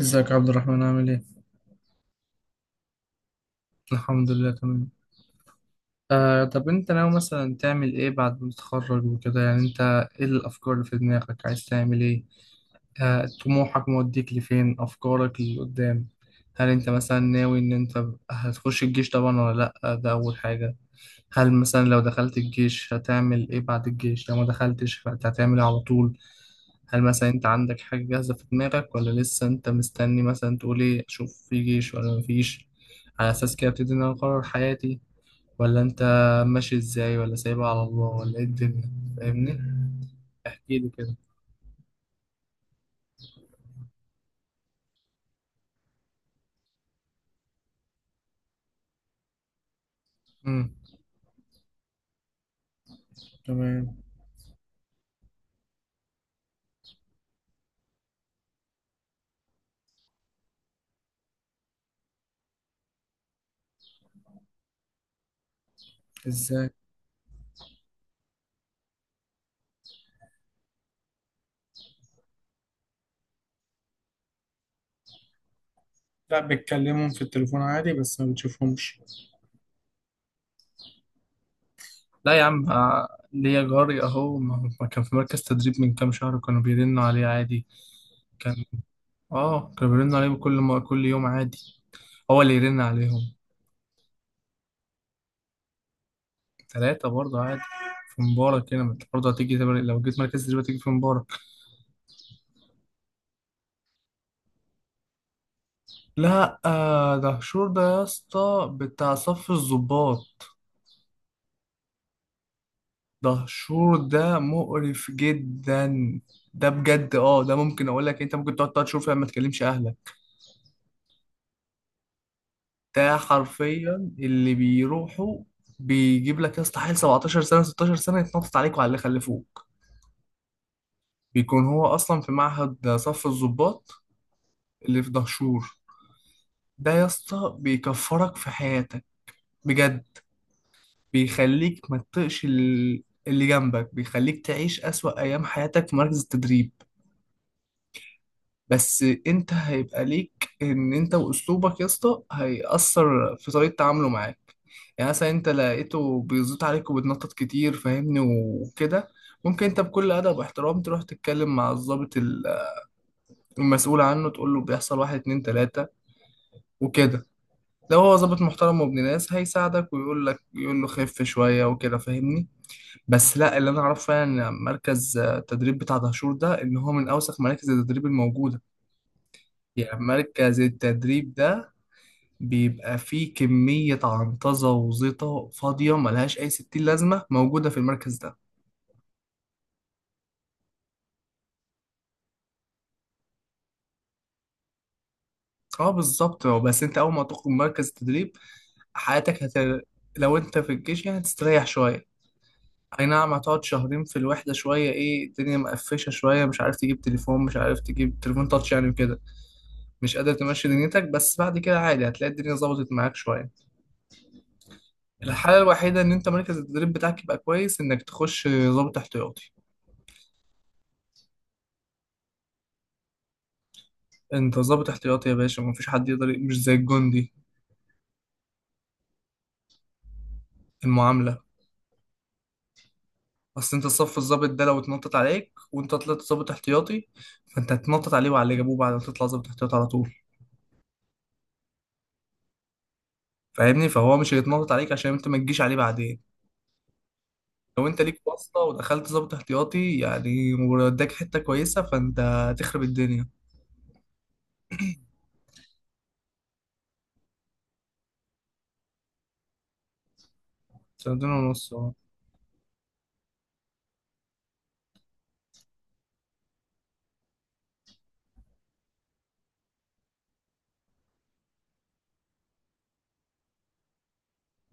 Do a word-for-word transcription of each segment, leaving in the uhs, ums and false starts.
ازيك يا عبد الرحمن عامل ايه؟ الحمد لله تمام. آه، طب انت ناوي مثلا تعمل ايه بعد ما تتخرج وكده؟ يعني انت ايه الافكار اللي في دماغك عايز تعمل ايه؟ آه، طموحك موديك لفين؟ افكارك اللي قدام، هل انت مثلا ناوي ان انت هتخش الجيش طبعا ولا لا؟ ده اول حاجة. هل مثلا لو دخلت الجيش هتعمل ايه بعد الجيش؟ لو ما دخلتش فانت هتعمل ايه على طول؟ هل مثلا انت عندك حاجة جاهزة في دماغك ولا لسه انت مستني مثلا تقول ايه اشوف في جيش ولا مفيش على اساس كده ابتدي ان انا اقرر حياتي؟ ولا انت ماشي ازاي؟ ولا سايبها على الله؟ ولا ايه الدنيا؟ فاهمني؟ احكي لي كده. امم. تمام. ازاي؟ لا، بتكلمهم في التليفون عادي بس ما بتشوفهمش. لا يا عم، آه، ليا جاري اهو ما ما كان في مركز تدريب من كام شهر كانوا بيرنوا عليه عادي. كان اه كانوا بيرنوا عليه كل ما كل يوم عادي. هو اللي يرن عليهم. ثلاثة برضه عادي. في مبارك هنا، ما انت برضه هتيجي تبقى- لو جيت مركز تدريب هتيجي في مبارك. لا، آه دهشور ده يا اسطى بتاع صف الضباط. دهشور ده مقرف جدا. ده بجد. اه ده ممكن اقول لك إيه، انت ممكن تقعد تلات شهور فيها ما تكلمش اهلك. ده حرفيا اللي بيروحوا، بيجيب لك يا اسطى حيل سبعتاشر سنة ستاشر سنة يتنطط عليكوا على اللي خلفوك. بيكون هو اصلا في معهد صف الضباط اللي في دهشور. ده يا اسطى بيكفرك في حياتك، بجد. بيخليك ما تطقش ال- اللي جنبك، بيخليك تعيش أسوأ أيام حياتك في مركز التدريب. بس انت هيبقى ليك، ان انت واسلوبك يا اسطى هيأثر في طريقة تعامله معاك. يعني مثلا انت لقيته بيزيط عليك وبتنطط كتير، فاهمني وكده، ممكن انت بكل ادب واحترام تروح تتكلم مع الضابط ال- المسؤول عنه، تقول له بيحصل واحد اتنين تلاتة وكده. لو هو ضابط محترم وابن ناس هيساعدك، ويقول لك يقول له خف شوية وكده، فاهمني؟ بس لا، اللي انا اعرفه يعني إن مركز آه، التدريب بتاع دهشور ده ان هو من اوسخ مراكز التدريب الموجوده. يعني مركز التدريب ده بيبقى فيه كميه عنطزه وزيطه فاضيه ملهاش اي ستين لازمه موجوده في المركز ده. اه، بالظبط. هو بس انت اول ما تخرج من مركز التدريب حياتك هت. لو انت في الجيش يعني هتستريح شويه. اي نعم، هتقعد شهرين في الوحدة شوية، ايه الدنيا مقفشة شوية، مش عارف تجيب تليفون مش عارف تجيب تليفون تاتش يعني وكده. مش قادر تمشي دنيتك، بس بعد كده عادي هتلاقي الدنيا ظبطت معاك شوية. الحالة الوحيدة ان انت مركز التدريب بتاعك يبقى كويس انك تخش ضابط احتياطي. انت ضابط احتياطي يا باشا، مفيش حد يقدر، مش زي الجندي. المعاملة. اصل انت صف الضابط ده لو اتنطط عليك، وانت طلعت ضابط احتياطي، فانت هتنطط عليه وعلى اللي جابوه بعد ما تطلع ضابط احتياطي على طول، فاهمني؟ فهو مش هيتنطط عليك عشان انت ما تجيش عليه بعدين. لو انت ليك واسطة ودخلت ضابط احتياطي يعني واداك حتة كويسة، فانت هتخرب الدنيا. هتخرب الدنيا ونص اه.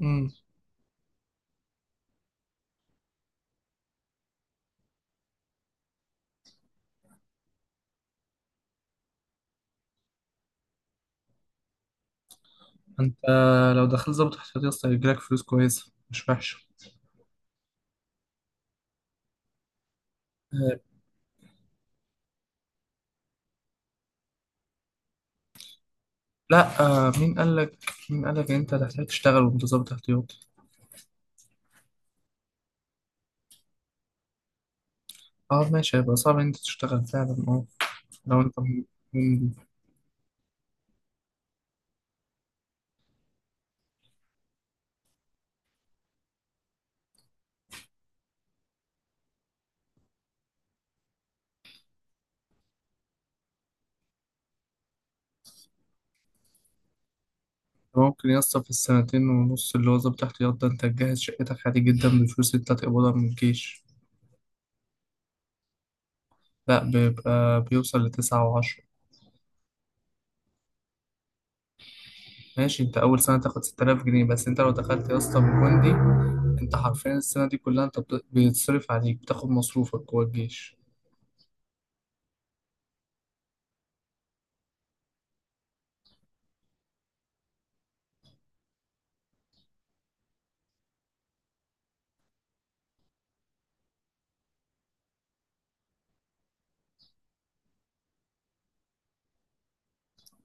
امم. انت لو دخلت ضابط احتياطي اصلا هيجيلك فلوس كويسة مش وحشة. اه، لا. اه، مين قال لك مين قال لك ان انت هتحتاج تشتغل وانت ضابط احتياطي؟ اه ماشي، هيبقى صعب ان انت تشتغل فعلا، اه. لو انت م- م- ممكن يسطا في السنتين ونص اللي هو ضابط احتياط ده انت تجهز شقتك عادي جدا بفلوس انت تقبضها من الجيش. لا، بيبقى بيوصل لتسعة وعشرة. ماشي، انت اول سنه تاخد ست تلاف جنيه بس، انت لو دخلت يا اسطى بجوندي انت حرفيا السنه دي كلها انت بت- بيتصرف عليك بتاخد مصروفك جوه الجيش.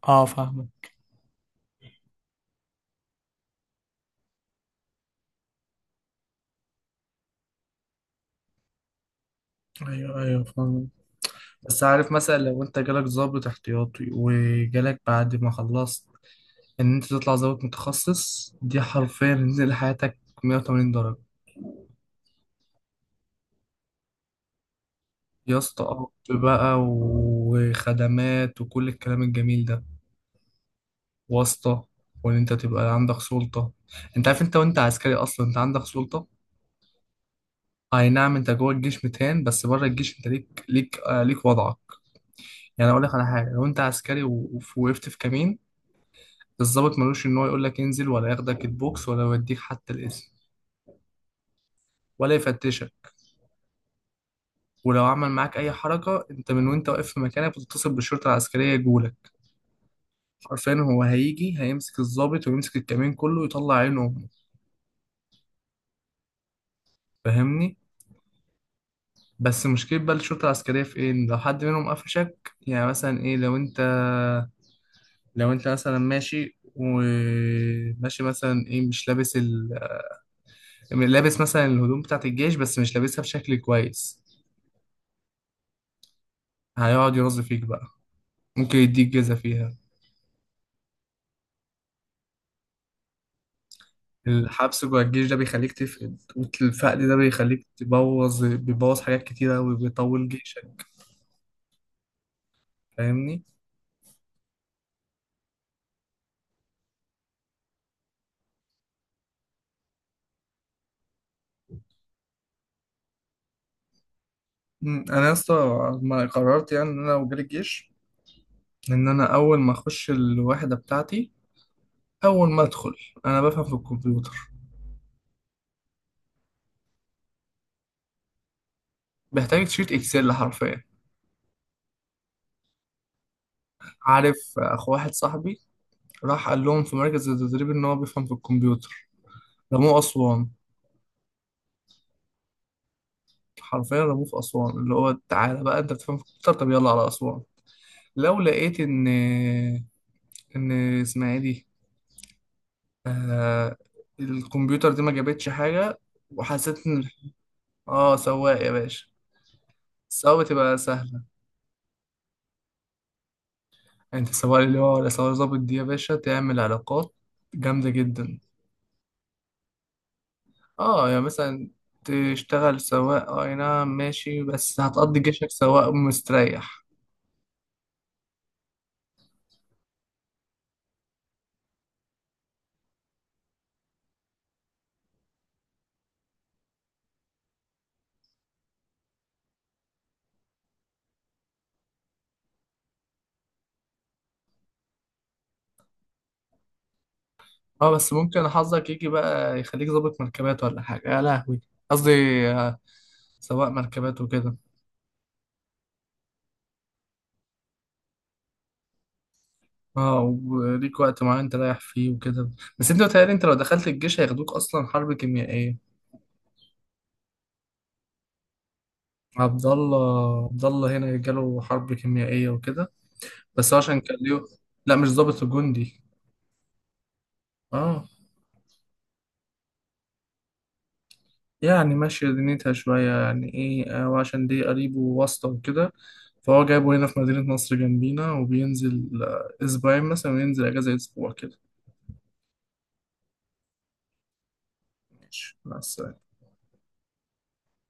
اه، فاهمك. ايوه ايوه، فاهم. بس عارف مثلا لو انت جالك ضابط احتياطي، وجالك بعد ما خلصت ان انت تطلع ضابط متخصص، دي حرفيا نزل حياتك مئة وثمانين درجة. يا اسطى اب بقى وخدمات وكل الكلام الجميل ده، واسطة، وان انت تبقى عندك سلطة. انت عارف انت وانت عسكري اصلا انت عندك سلطة. اي نعم، انت جوه الجيش ميتين بس بره الجيش انت ليك ليك آه ليك وضعك. يعني اقول لك على حاجه، لو انت عسكري و- ووقفت في كمين، الضابط ملوش ان هو يقول لك انزل، ولا ياخدك البوكس، ولا يوديك حتى القسم، ولا يفتشك. ولو عمل معاك اي حركه، انت من وانت واقف في مكانك بتتصل بالشرطه العسكريه يجولك عارفين، هو هيجي هيمسك الضابط ويمسك الكمين كله ويطلع عينه امه، فاهمني؟ بس مشكله بقى الشرطه العسكريه في ايه، إن لو حد منهم قفشك، يعني مثلا ايه، لو انت لو انت مثلا ماشي وماشي مثلا ايه مش لابس ال، لابس مثلا الهدوم بتاعت الجيش بس مش لابسها بشكل كويس، هيقعد يرز فيك بقى، ممكن يديك جزا فيها. الحبس جوه الجيش ده بيخليك تفقد، والفقد ده بيخليك تبوظ بيبوظ حاجات كتيرة وبيطول جيشك، فاهمني؟ مم، انا يا اسطى ما قررت يعني ان انا لو جالي الجيش، ان انا اول ما اخش الوحدة بتاعتي، اول ما ادخل انا بفهم في الكمبيوتر. بيحتاج شيت اكسل حرفيا. عارف اخو واحد صاحبي راح قال لهم في مركز التدريب ان هو بيفهم في الكمبيوتر، رموه اسوان. حرفيا رموه في اسوان اللي هو تعالى بقى انت بتفهم في الكمبيوتر، طب يلا على اسوان. لو لقيت ان ان اسمها ايه دي، آه الكمبيوتر دي ما جابتش حاجه، وحسيت ان، اه سواق يا باشا. السواقه بتبقى سهله. انت سواق اللي هو ولا سواق ظابط، دي يا باشا تعمل علاقات جامده جدا. اه يعني مثلا تشتغل سواق آه، اي نعم ماشي، بس هتقضي جيشك سواق مستريح. اه، بس ممكن حظك يجي بقى يخليك ظابط مركبات ولا حاجة يا لهوي. قصدي آه، سواق مركبات وكده. اه، وليك وقت معين تريح فيه وكده. بس انت متهيألي انت لو دخلت الجيش هياخدوك اصلا حرب كيميائية. عبد الله عبد الله هنا جاله حرب كيميائية وكده. بس هو عشان كان ليه. لا مش ظابط وجندي اه. يعني ماشية دنيتها شوية، يعني إيه، آه، وعشان دي قريبه واسطة وكده. فهو جايبه هنا في مدينة نصر جنبينا، وبينزل آه، أسبوعين مثلا، وينزل أجازة أسبوع كده. ماشي بس.